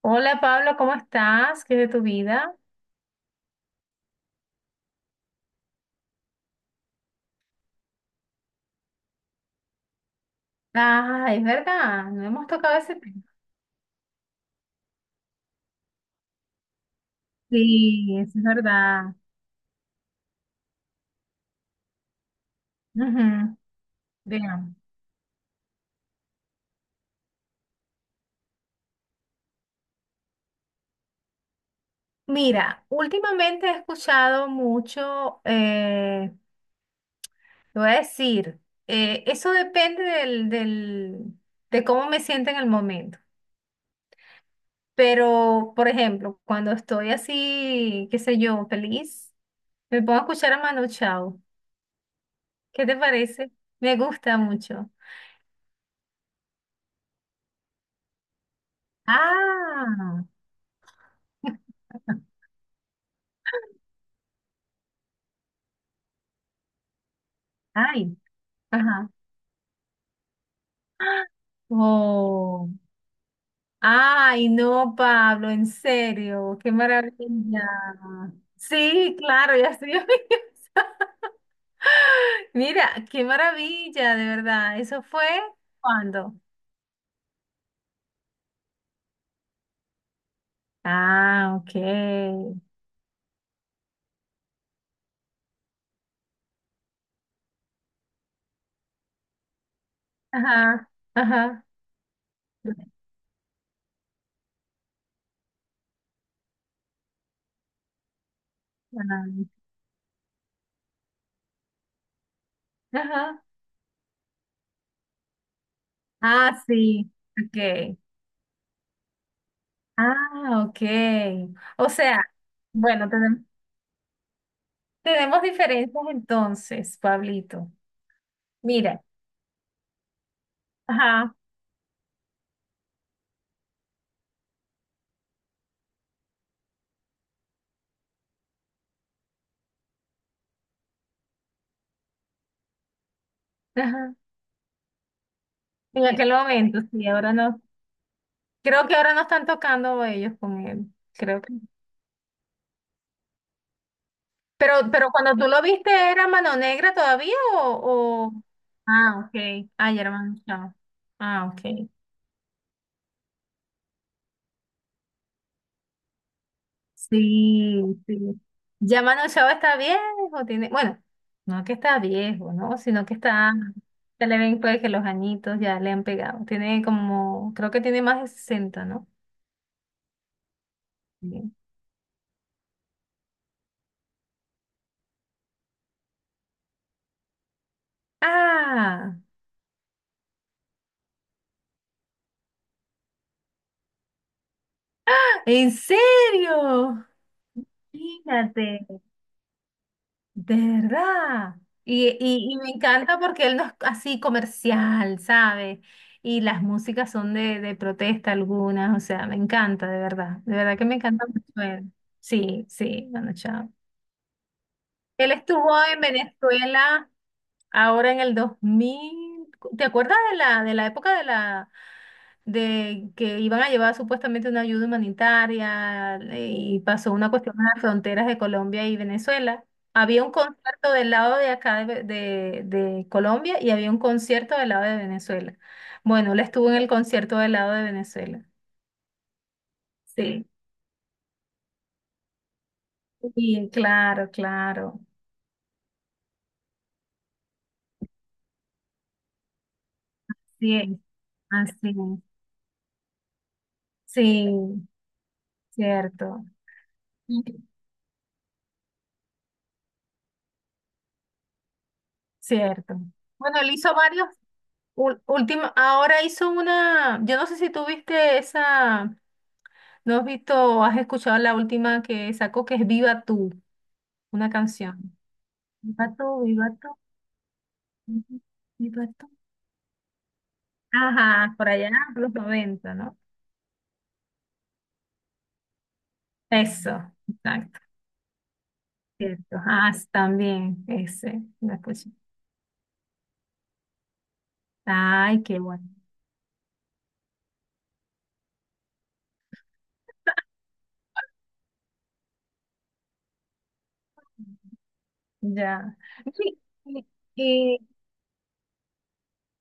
Hola Pablo, ¿cómo estás? ¿Qué es de tu vida? Ah, es verdad, no hemos tocado ese tema. Sí, eso es verdad. Ujú. Veamos. Mira, últimamente he escuchado mucho, te voy a decir, eso depende del de cómo me siento en el momento. Pero, por ejemplo, cuando estoy así, qué sé yo, feliz, me pongo a escuchar a Manu Chao. ¿Qué te parece? Me gusta mucho. Ah. Ay, ajá. Oh. Ay, no, Pablo, en serio, qué maravilla. Sí, claro, ya estoy. Mira, qué maravilla, de verdad. ¿Eso fue cuando? Ah, ok. Ajá, ajá. Ay, ajá. Ah, sí, ok. Ah, ok. O sea, bueno, tenemos diferencias entonces, Pablito. Mira. Ajá. Ajá. En aquel momento, sí, ahora no. Creo que ahora no están tocando ellos con él. Creo que. Pero cuando tú lo viste, ¿era Mano Negra todavía o, o-? Ah, ok. Ah, ya era Mano Chao. Ah, ok. Sí, sí. Ya Mano Chao está viejo, tiene. Bueno, no que está viejo, ¿no? Sino que está. Se le ven pues que los añitos ya le han pegado. Tiene como, creo que tiene más de 60, ¿no? Sí. Ah, ¿en serio? Fíjate, de verdad. Y me encanta porque él no es así comercial, ¿sabes? Y las músicas son de protesta algunas, o sea, me encanta, de verdad. De verdad que me encanta mucho él. Sí, sí, bueno, chao. Él estuvo en Venezuela ahora en el 2000. ¿Te acuerdas de la época de la, de que iban a llevar supuestamente una ayuda humanitaria y pasó una cuestión en las fronteras de Colombia y Venezuela? Había un concierto del lado de acá de Colombia y había un concierto del lado de Venezuela. Bueno, él estuvo en el concierto del lado de Venezuela. Sí. Sí, claro, claro. Sí, es, así es. Sí, cierto. Ujú. Cierto. Bueno, él hizo varios. Último, ahora hizo una, yo no sé si tú viste esa. ¿No has visto o has escuchado la última que sacó, que es Viva tú, una canción? Viva tú, ujú, viva tú. Ajá, por allá, por los 90, ¿no? Eso, exacto, cierto. Ah, sí, también, ese, la escuché. Ay, qué bueno, ya. Sí, y- y-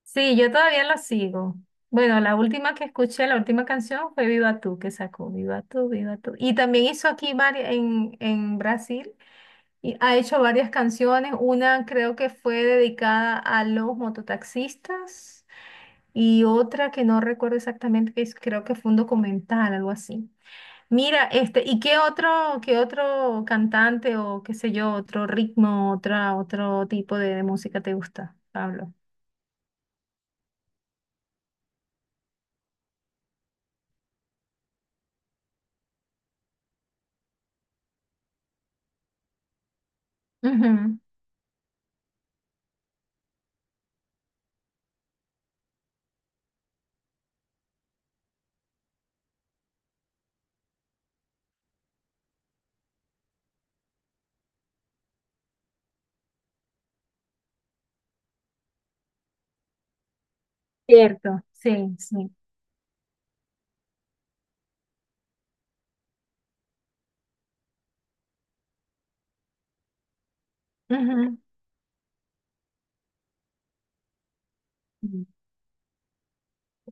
sí, yo todavía lo sigo. Bueno, la última que escuché, la última canción fue Viva tú, que sacó Viva tú, Viva tú. Y también hizo aquí en Brasil. Y ha hecho varias canciones, una creo que fue dedicada a los mototaxistas y otra que no recuerdo exactamente, creo que fue un documental, algo así. Mira, este, ¿y qué otro cantante o qué sé yo, otro ritmo, otra, otro tipo de música te gusta, Pablo? Ujú. Cierto, sí, sí. Ujú. Mm.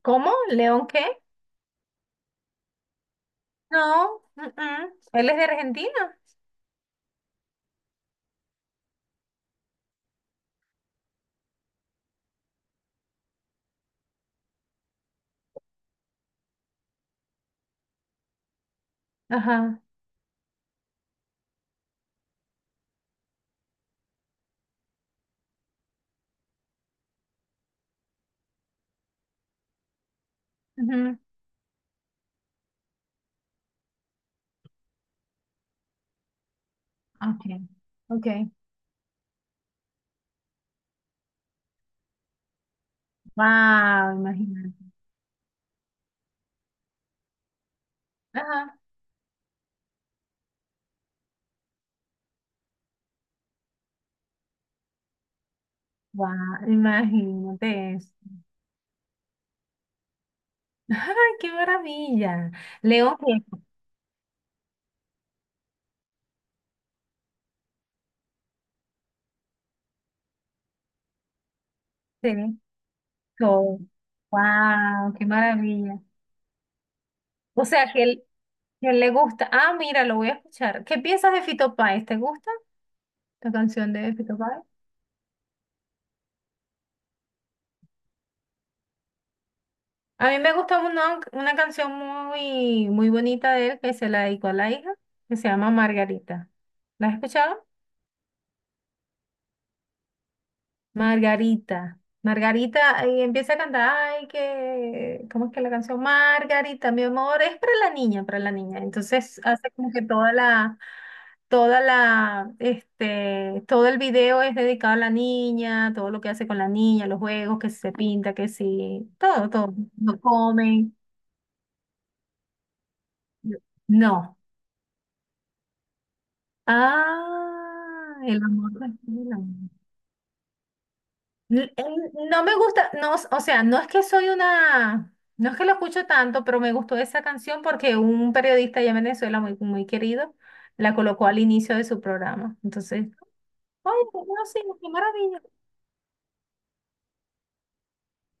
¿Cómo? ¿León qué? No, él es de Argentina. Ajá. Ujú. Okay. Ok. Wow, imagínate. Ajá. Wow, imagínate eso. ¡Ay, qué maravilla! León Gieco. Wow, qué maravilla. O sea, que él le gusta. Ah, mira, lo voy a escuchar. ¿Qué piensas de Fito Páez? ¿Te gusta la canción de Fito Páez? A mí me gusta una canción muy, muy bonita de él que se la dedicó a la hija, que se llama Margarita. ¿La has escuchado? Margarita. Margarita y empieza a cantar, ay, que, ¿cómo es que la canción? Margarita, mi amor, es para la niña, para la niña. Entonces hace como que toda la, este, todo el video es dedicado a la niña, todo lo que hace con la niña, los juegos, que si se pinta, que si, todo, todo, no comen. No. Ah, el amor del cielo. L- el- No me gusta, no, o sea, no es que soy una, no es que lo escucho tanto, pero me gustó esa canción porque un periodista allá en Venezuela muy, muy querido la colocó al inicio de su programa. Entonces, ¡ay, qué bueno, qué maravilla!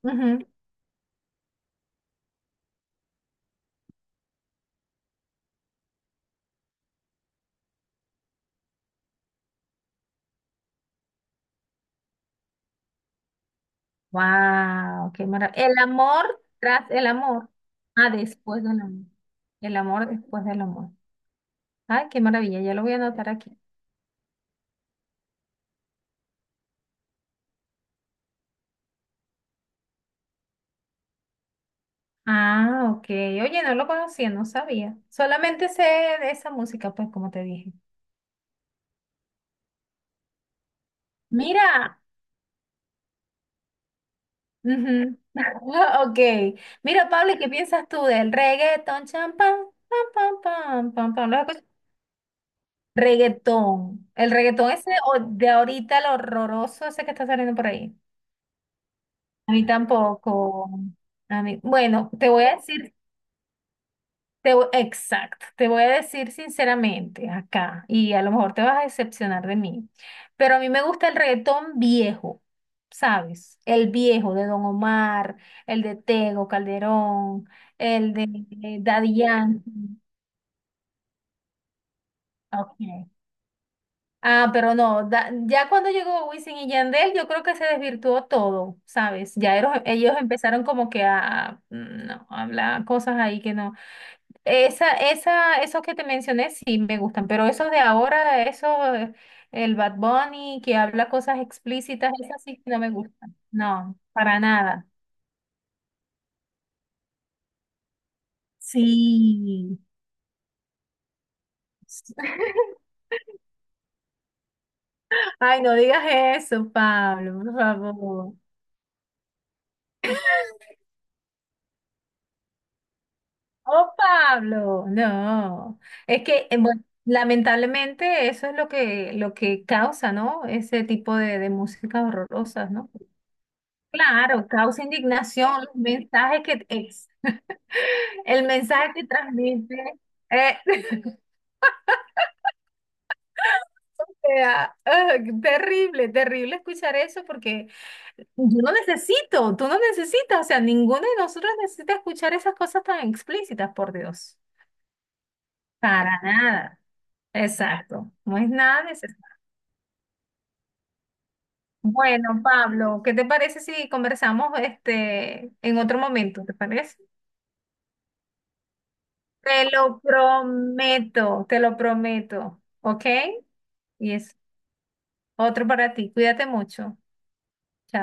Ujú. Wow, qué maravilla. El amor tras el amor. Ah, después del amor. El amor después del amor. Ay, qué maravilla, ya lo voy a anotar aquí. Ah, ok. Oye, no lo conocía, no sabía. Solamente sé de esa música, pues, como te dije. Mira, ujú. Ok. Mira, Pablo, ¿y qué piensas tú del reggaetón? Cham, pam, pam, pam, pam, pam, pam. ¿Lo has escuchado? Reggaetón. El reggaetón ese de ahorita, el horroroso ese que está saliendo por ahí. A mí tampoco. A mí, bueno, te voy a decir. Exacto, te voy a decir sinceramente acá, y a lo mejor te vas a decepcionar de mí, pero a mí me gusta el reggaetón viejo, ¿sabes? El viejo de Don Omar, el de Tego Calderón, el de Daddy Yankee. Ok. Ah, pero no, ya cuando llegó Wisin y Yandel, yo creo que se desvirtuó todo, ¿sabes? Ya ellos empezaron como que a, mm, no, a hablar cosas ahí que no. Esa, esos que te mencioné sí me gustan, pero esos de ahora, eso, el Bad Bunny que habla cosas explícitas, esas sí que no me gustan. No, para nada. Sí. Ay, no digas eso, Pablo, por favor. Oh, Pablo, no. Es que, bueno, lamentablemente eso es lo que causa, ¿no? Ese tipo de músicas horrorosas, ¿no? Claro, causa indignación, los mensajes que el mensaje que transmite. eh, eh, ah, ah, terrible, terrible escuchar eso porque yo no necesito, tú no necesitas, o sea, ninguno de nosotros necesita escuchar esas cosas tan explícitas, por Dios. Para nada. Exacto. No es nada necesario. Bueno, Pablo, ¿qué te parece si conversamos este en otro momento? ¿Te parece? Te lo prometo, ¿ok? Y es otro para ti. Cuídate mucho. Chao.